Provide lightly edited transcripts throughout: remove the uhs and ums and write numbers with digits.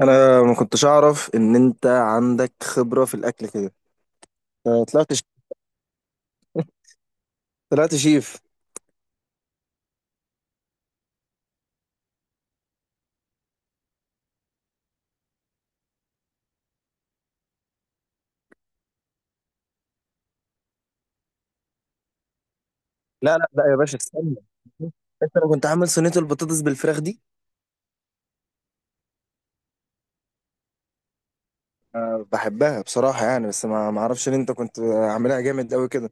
انا ما كنتش اعرف ان انت عندك خبره في الاكل كده. طلعت شيف. لا لا لا يا باشا استنى، انت لو كنت عامل صينيه البطاطس بالفراخ دي؟ بحبها بصراحه يعني، بس ما اعرفش ان انت كنت عاملها جامد قوي كده.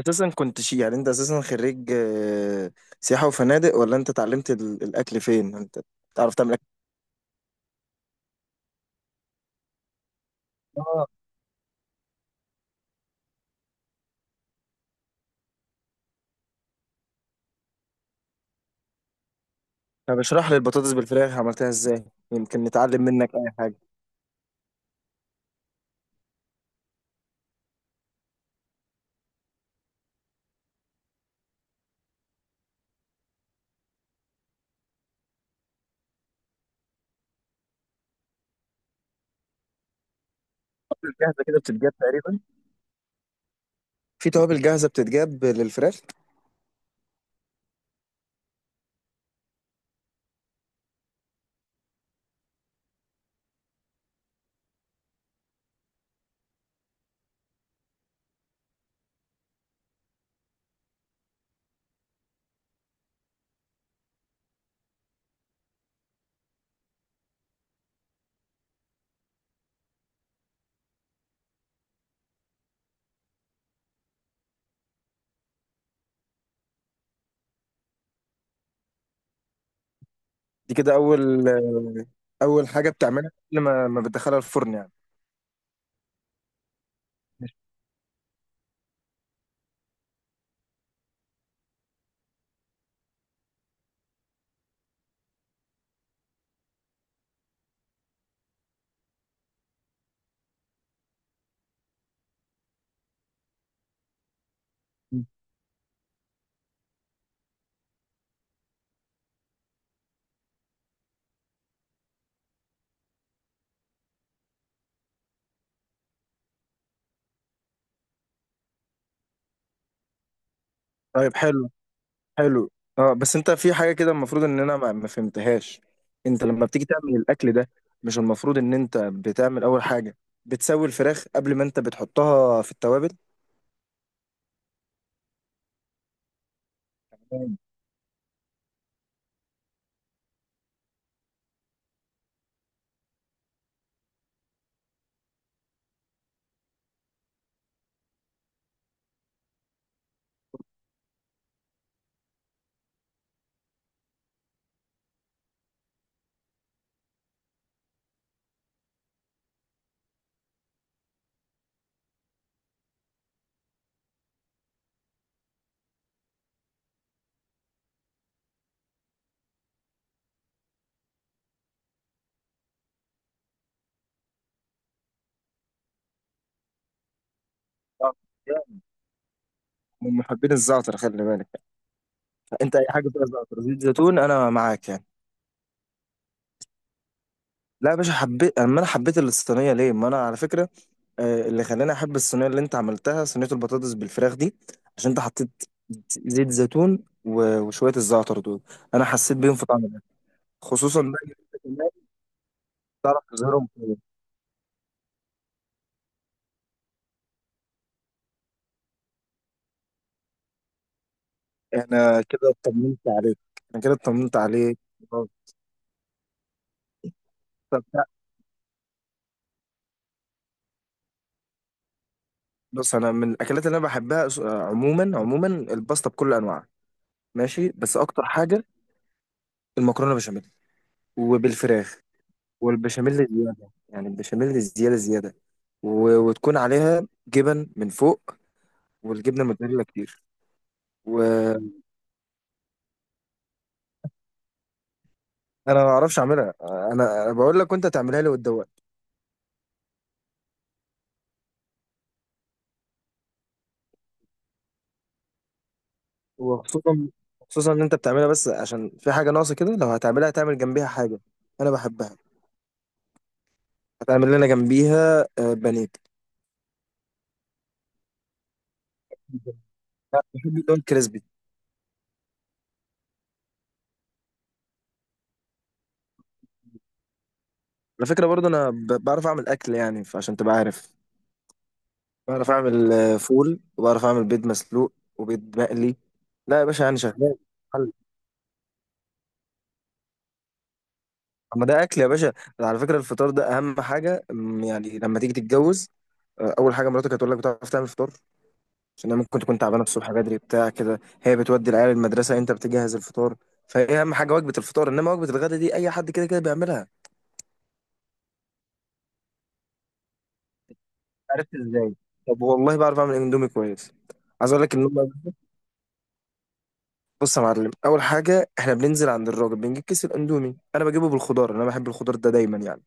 اساسا كنت شي يعني، انت اساسا خريج سياحه وفنادق، ولا انت اتعلمت الاكل فين؟ انت تعرف تعمل اكل؟ اه، طب اشرح لي البطاطس بالفراخ عملتها ازاي، يمكن نتعلم منك اي حاجه. الجاهزه كده بتتجاب تقريبا، في توابل جاهزه بتتجاب للفراخ. دي كده اول اول حاجه بتعملها قبل ما بتدخلها الفرن يعني؟ مم. طيب، حلو حلو. اه، بس انت في حاجه كده المفروض ان انا ما فهمتهاش. انت لما بتيجي تعمل الاكل ده، مش المفروض ان انت بتعمل اول حاجه بتسوي الفراخ قبل ما انت بتحطها في التوابل؟ تمام. آه، من محبين الزعتر، خلي بالك. انت اي حاجه فيها زعتر زيت زيتون انا معاك يعني. لا يا باشا، حبيت. اما انا حبيت الصينيه ليه؟ ما انا على فكره اللي خلاني احب الصينيه اللي انت عملتها، صينيه البطاطس بالفراخ دي، عشان انت حطيت زيت زيتون وشويه الزعتر دول. انا حسيت بيهم في طعم الاكل. خصوصا بقى إن انت كمان تعرف تظهرهم كويس. انا كده اطمنت عليك. انا كده اطمنت عليك. خلاص. طب لا، بص، انا من الاكلات اللي انا بحبها عموما عموما، الباستا بكل انواعها. ماشي، بس اكتر حاجه المكرونه بشاميل وبالفراخ. والبشاميل زياده يعني، البشاميل زياده زياده. وتكون عليها جبن من فوق، والجبنه الموتزاريلا كتير. وانا ما اعرفش اعملها. انا أنا بقول لك وانت تعملها لي وتدوق. وخصوصا خصوصا ان انت بتعملها. بس عشان في حاجه ناقصه كده، لو هتعملها تعمل جنبيها حاجه انا بحبها. هتعمل لنا جنبيها بانيه. أنا بحب اللي هو الكريسبي. على فكره برضه انا بعرف اعمل اكل يعني، عشان تبقى عارف. بعرف اعمل فول، وبعرف اعمل بيض مسلوق وبيض مقلي. لا يا باشا يعني شغال، اما ده اكل يا باشا. على فكره الفطار ده اهم حاجه، يعني لما تيجي تتجوز، اول حاجه مراتك هتقول لك بتعرف تعمل فطار؟ عشان هي ممكن تكون تعبانه الصبح بدري بتاع كده، هي بتودي العيال المدرسه، انت بتجهز الفطار. فهي اهم حاجه وجبه الفطار، انما وجبه الغدا دي اي حد كده كده بيعملها. عرفت ازاي؟ طب والله بعرف اعمل اندومي كويس. عايز اقول لك ان بص يا معلم، اول حاجه احنا بننزل عند الراجل بنجيب كيس الاندومي. انا بجيبه بالخضار، انا بحب الخضار ده دايما يعني.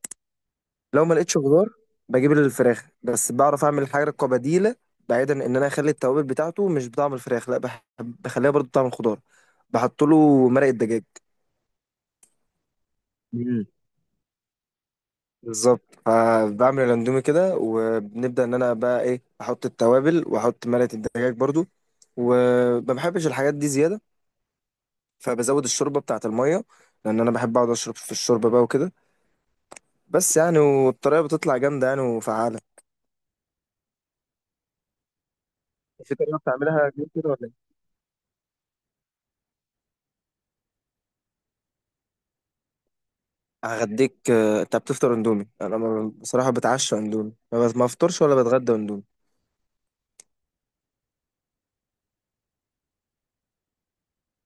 لو ما لقيتش خضار بجيب الفراخ، بس بعرف اعمل حاجه كبديله. بعيدا ان انا اخلي التوابل بتاعته مش بطعم الفراخ، لا بخليها برضو بطعم الخضار. بحط له مرق الدجاج. مم. بالظبط، فبعمل الاندومي كده، وبنبدا ان انا بقى ايه، احط التوابل واحط مرقه الدجاج برضو. وما بحبش الحاجات دي زياده، فبزود الشوربه بتاعه الميه، لان انا بحب اقعد اشرب في الشوربه بقى وكده. بس يعني، والطريقه بتطلع جامده يعني وفعاله. في طريقه بتعملها غير كده ولا؟ هغديك. انت بتفطر اندومي؟ انا بصراحه بتعشى اندومي، ما بفطرش ولا بتغدى اندومي.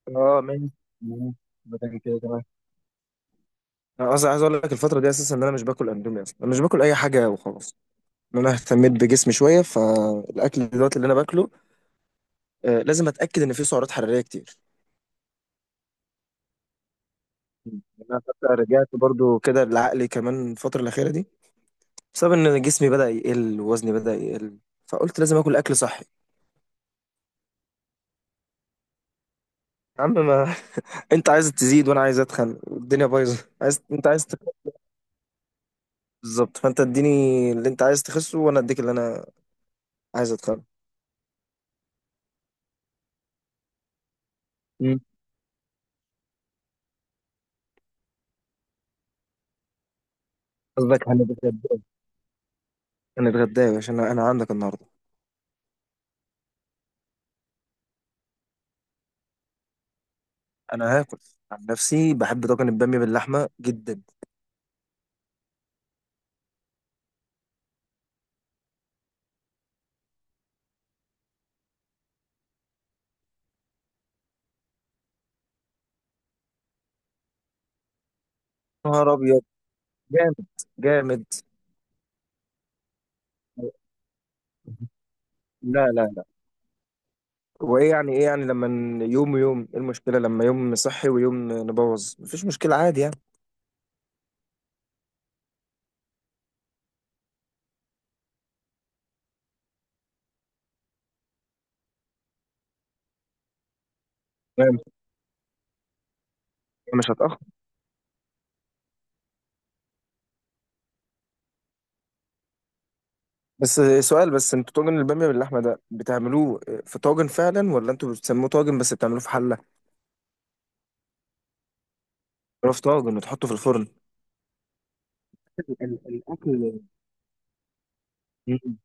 اه ماشي. ماشي. بدل كده كمان، انا اصلا عايز اقول لك الفتره دي اساسا ان انا مش باكل اندومي اصلا. انا مش باكل اي حاجه وخلاص. ان انا اهتميت بجسمي شويه، فالاكل دلوقتي اللي انا باكله لازم اتاكد ان فيه سعرات حراريه كتير. انا حتى رجعت برضو كده لعقلي كمان الفتره الاخيره دي، بسبب ان جسمي بدا يقل ووزني بدا يقل، فقلت لازم اكل اكل صحي. يا عم ما انت عايز تزيد وانا عايز اتخن، والدنيا بايظه، عايز انت عايز. بالظبط، فانت اديني اللي انت عايز تخسه وانا اديك اللي انا عايز اتخانق. مم. قصدك هنتغدى. هنتغدى يا باشا، انا انا عندك النهارده. انا هاكل. عن نفسي بحب طاجن الباميه باللحمه جدا. نهار ابيض، جامد، جامد. لا لا لا. وايه يعني، ايه يعني لما يوم يوم ايه المشكله؟ لما يوم صحي ويوم نبوظ مفيش مشكله، عادي يعني. تمام. مش هتاخر. بس سؤال، بس انتوا طاجن الباميه باللحمه ده بتعملوه في طاجن فعلا ولا انتوا بتسموه طاجن بس بتعملوه في حله؟ بتعملوه في طاجن وتحطه في الفرن؟ الاكل. مم.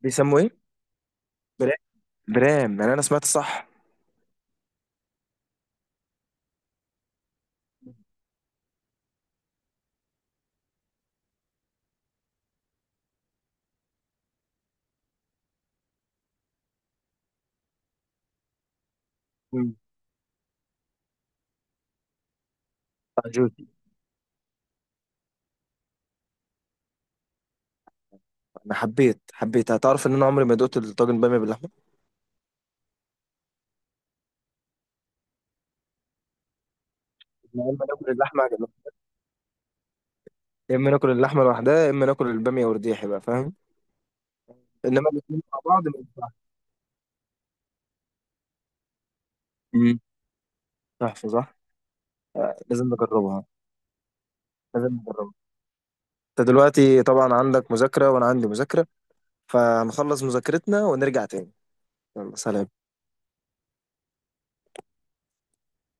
بيسموه ايه؟ برام. برام، يعني انا سمعت صح؟ مم. بتاع جوتي. انا حبيت حبيت. هتعرف ان انا عمري ما دقت الطاجن باميه باللحمه. إحنا يا اما ناكل اللحمه يا جماعة، يا اما ناكل اللحمه لوحدها، يا اما ناكل الباميه ورديحي بقى، فاهم؟ انما الاثنين مع بعض ما ينفعش. مم. تحفه صح. لازم نجربها. لازم نجربها. انت دلوقتي طبعا عندك مذاكره وانا عندي مذاكره، فهنخلص مذاكرتنا ونرجع تاني. يلا سلام.